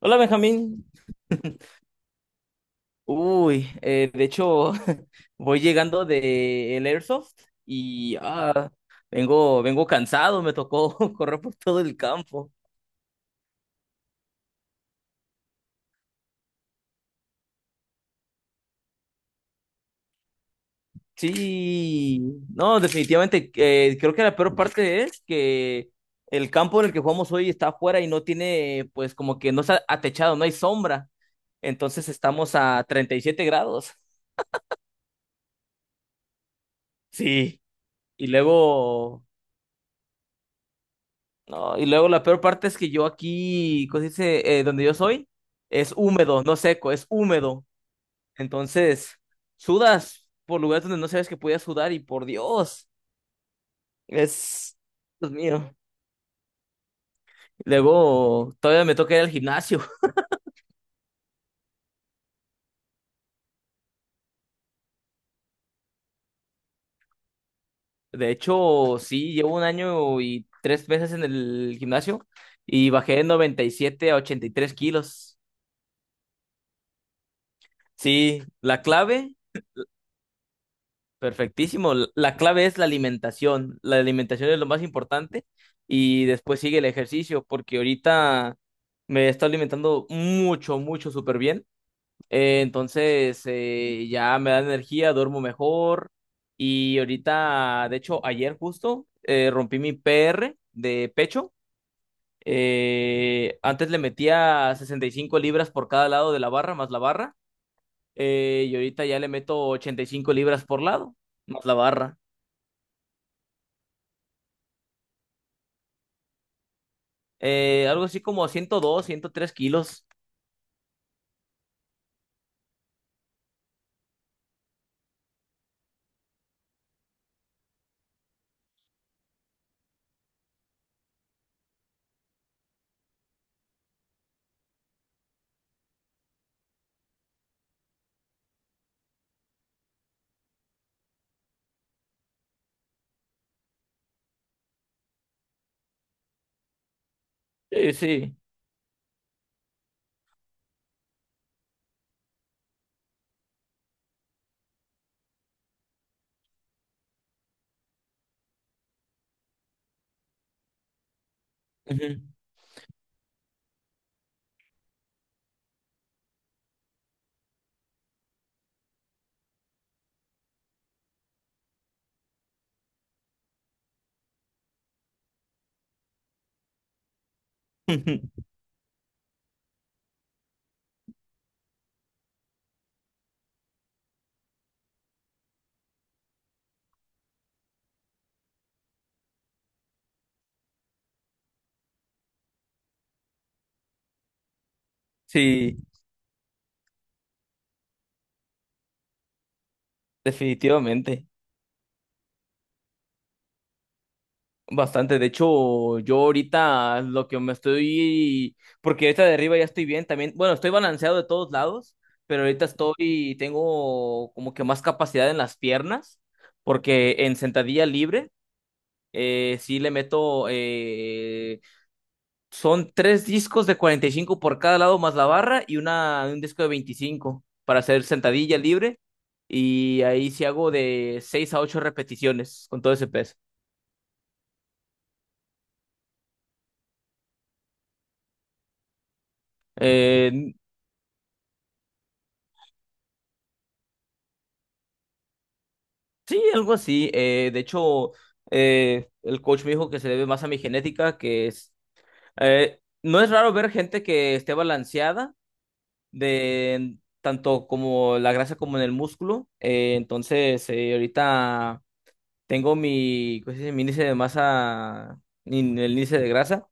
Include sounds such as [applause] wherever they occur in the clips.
Hola Benjamín. Uy, de hecho, [laughs] voy llegando de el Airsoft y vengo cansado, me tocó [laughs] correr por todo el campo. Sí, no, definitivamente, creo que la peor parte es que el campo en el que jugamos hoy está afuera y no tiene, pues, como que no está atechado, no hay sombra. Entonces estamos a 37 grados. Sí, y luego no, y luego la peor parte es que yo aquí, ¿cómo se dice? Donde yo soy, es húmedo, no seco, es húmedo. Entonces, sudas por lugares donde no sabes que podías sudar y, por Dios, es, Dios mío. Luego, todavía me toca ir al gimnasio. [laughs] De hecho, sí, llevo 1 año y 3 meses en el gimnasio y bajé de 97 a 83 kilos. Sí, la clave perfectísimo. La clave es la alimentación. La alimentación es lo más importante y después sigue el ejercicio, porque ahorita me estoy alimentando mucho, mucho, súper bien. Ya me da energía, duermo mejor y ahorita, de hecho, ayer justo, rompí mi PR de pecho. Antes le metía 65 libras por cada lado de la barra, más la barra. Y ahorita ya le meto 85 libras por lado, más la barra. Algo así como 102, 103 kilos. Sí, sí. Ujú. [laughs] Sí, definitivamente. Bastante. De hecho, yo ahorita lo que me estoy, porque ahorita de arriba ya estoy bien también. Bueno, estoy balanceado de todos lados, pero ahorita estoy, tengo como que más capacidad en las piernas, porque en sentadilla libre, sí le meto son tres discos de 45 por cada lado más la barra y un disco de 25 para hacer sentadilla libre. Y ahí sí hago de 6 a 8 repeticiones con todo ese peso. Eh, sí, algo así. De hecho, el coach me dijo que se debe más a mi genética, que es... no es raro ver gente que esté balanceada de tanto como la grasa como en el músculo. Entonces, ahorita... tengo mi, ¿cómo se dice? Mi índice de masa, el índice de grasa,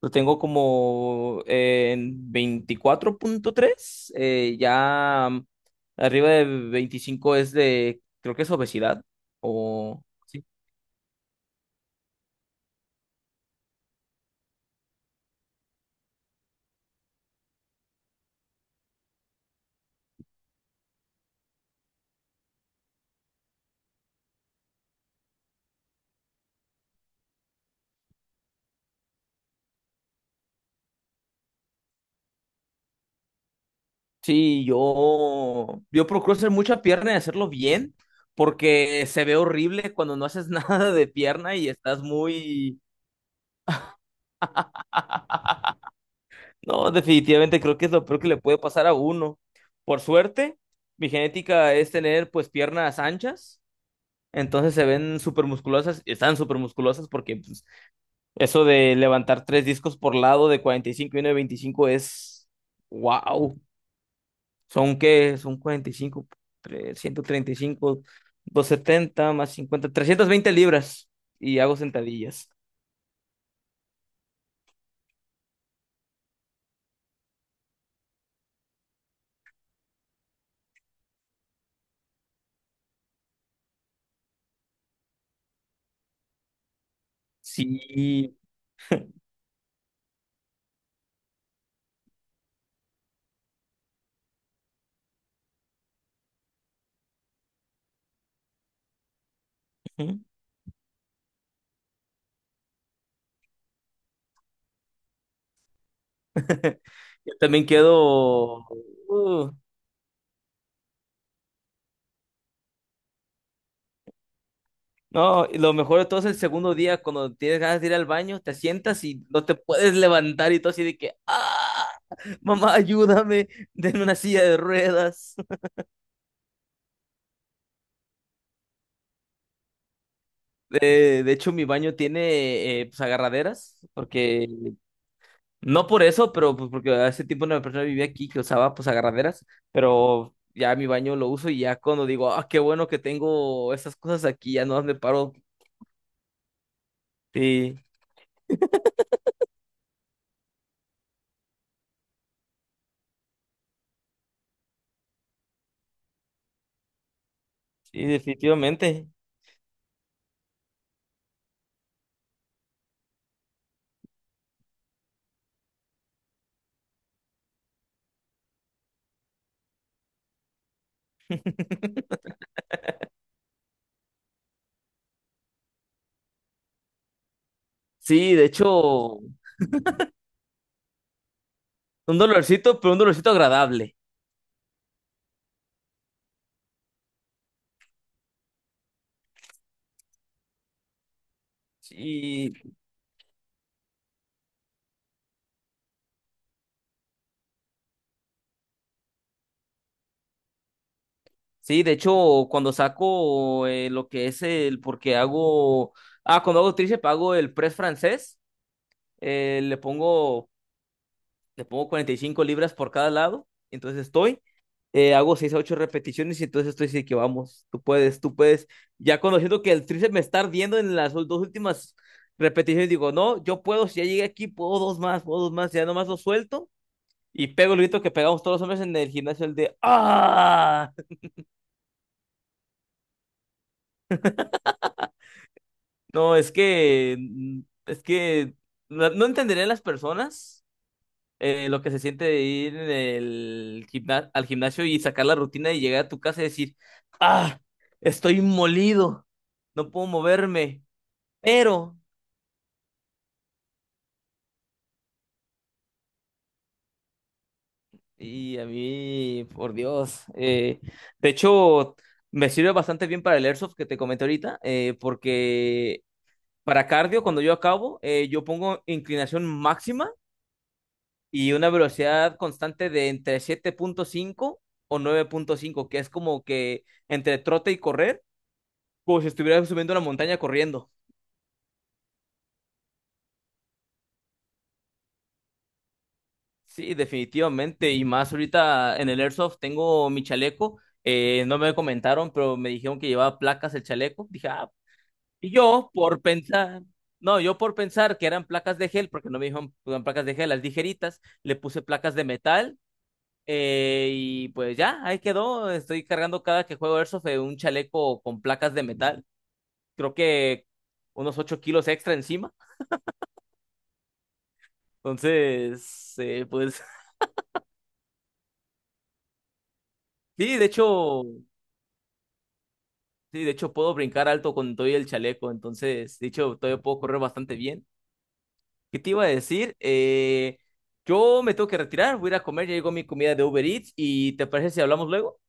lo tengo como, en 24.3, ya, arriba de 25 es de, creo que es obesidad, o... Sí, sí, yo procuro hacer mucha pierna y hacerlo bien, porque se ve horrible cuando no haces [laughs] nada de pierna y estás muy... [laughs] No, definitivamente creo que es lo peor que le puede pasar a uno. Por suerte, mi genética es tener, pues, piernas anchas, entonces se ven súper musculosas, están súper musculosas porque, pues, eso de levantar tres discos por lado de 45 y uno de 25 es wow. ¿Son qué? Son 45, 135, setenta más 50, veinte libras y hago sentadillas. Sí. Ujú. [laughs] Yo también quedo... uh, no, y lo mejor de todo es el segundo día, cuando tienes ganas de ir al baño, te sientas y no te puedes levantar y todo así de que, ¡ah! Mamá, ayúdame, denme una silla de ruedas. De hecho, mi baño tiene, pues, agarraderas, porque no por eso, pero pues, porque hace tiempo una persona vivía aquí que usaba pues agarraderas, pero ya mi baño lo uso y ya cuando digo, ah, qué bueno que tengo esas cosas aquí, ya no me paro. Sí, sí, definitivamente. Sí, de hecho. Un dolorcito, pero un dolorcito agradable. Y sí, de hecho, cuando saco, lo que es el, porque hago, ah, cuando hago tríceps hago el press francés, eh, le pongo, le pongo 45 libras por cada lado, entonces estoy, hago 6 a 8 repeticiones y entonces estoy así que vamos, tú puedes, tú puedes. Ya conociendo que el tríceps me está ardiendo en las dos últimas repeticiones, digo, no, yo puedo, si ya llegué aquí, puedo dos más, ya nomás lo suelto. Y pego el grito que pegamos todos los hombres en el gimnasio, el de ¡ah! No, es que. Es que. No entenderían las personas, lo que se siente de ir en el al gimnasio y sacar la rutina y llegar a tu casa y decir ¡ah! Estoy molido. No puedo moverme. Pero. Y a mí, por Dios. De hecho, me sirve bastante bien para el Airsoft que te comenté ahorita, porque. Para cardio, cuando yo acabo, yo pongo inclinación máxima y una velocidad constante de entre 7.5 o 9.5, que es como que entre trote y correr, como si estuviera subiendo una montaña corriendo. Sí, definitivamente. Y más ahorita en el Airsoft tengo mi chaleco. No me comentaron, pero me dijeron que llevaba placas el chaleco. Dije, ah, y yo por pensar, no, yo por pensar que eran placas de gel, porque no me dijeron que eran placas de gel, las ligeritas, le puse placas de metal. Y pues ya, ahí quedó. Estoy cargando cada que juego Airsoft, un chaleco con placas de metal. Creo que unos 8 kilos extra encima. Entonces, pues [laughs] sí, de hecho, sí, de hecho puedo brincar alto con todo y el chaleco. Entonces, de hecho, todavía puedo correr bastante bien. ¿Qué te iba a decir? Yo me tengo que retirar, voy a ir a comer, ya llegó mi comida de Uber Eats y ¿te parece si hablamos luego?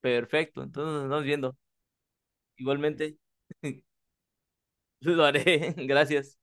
Perfecto, entonces nos vamos viendo. Igualmente, [laughs] lo haré. [laughs] Gracias.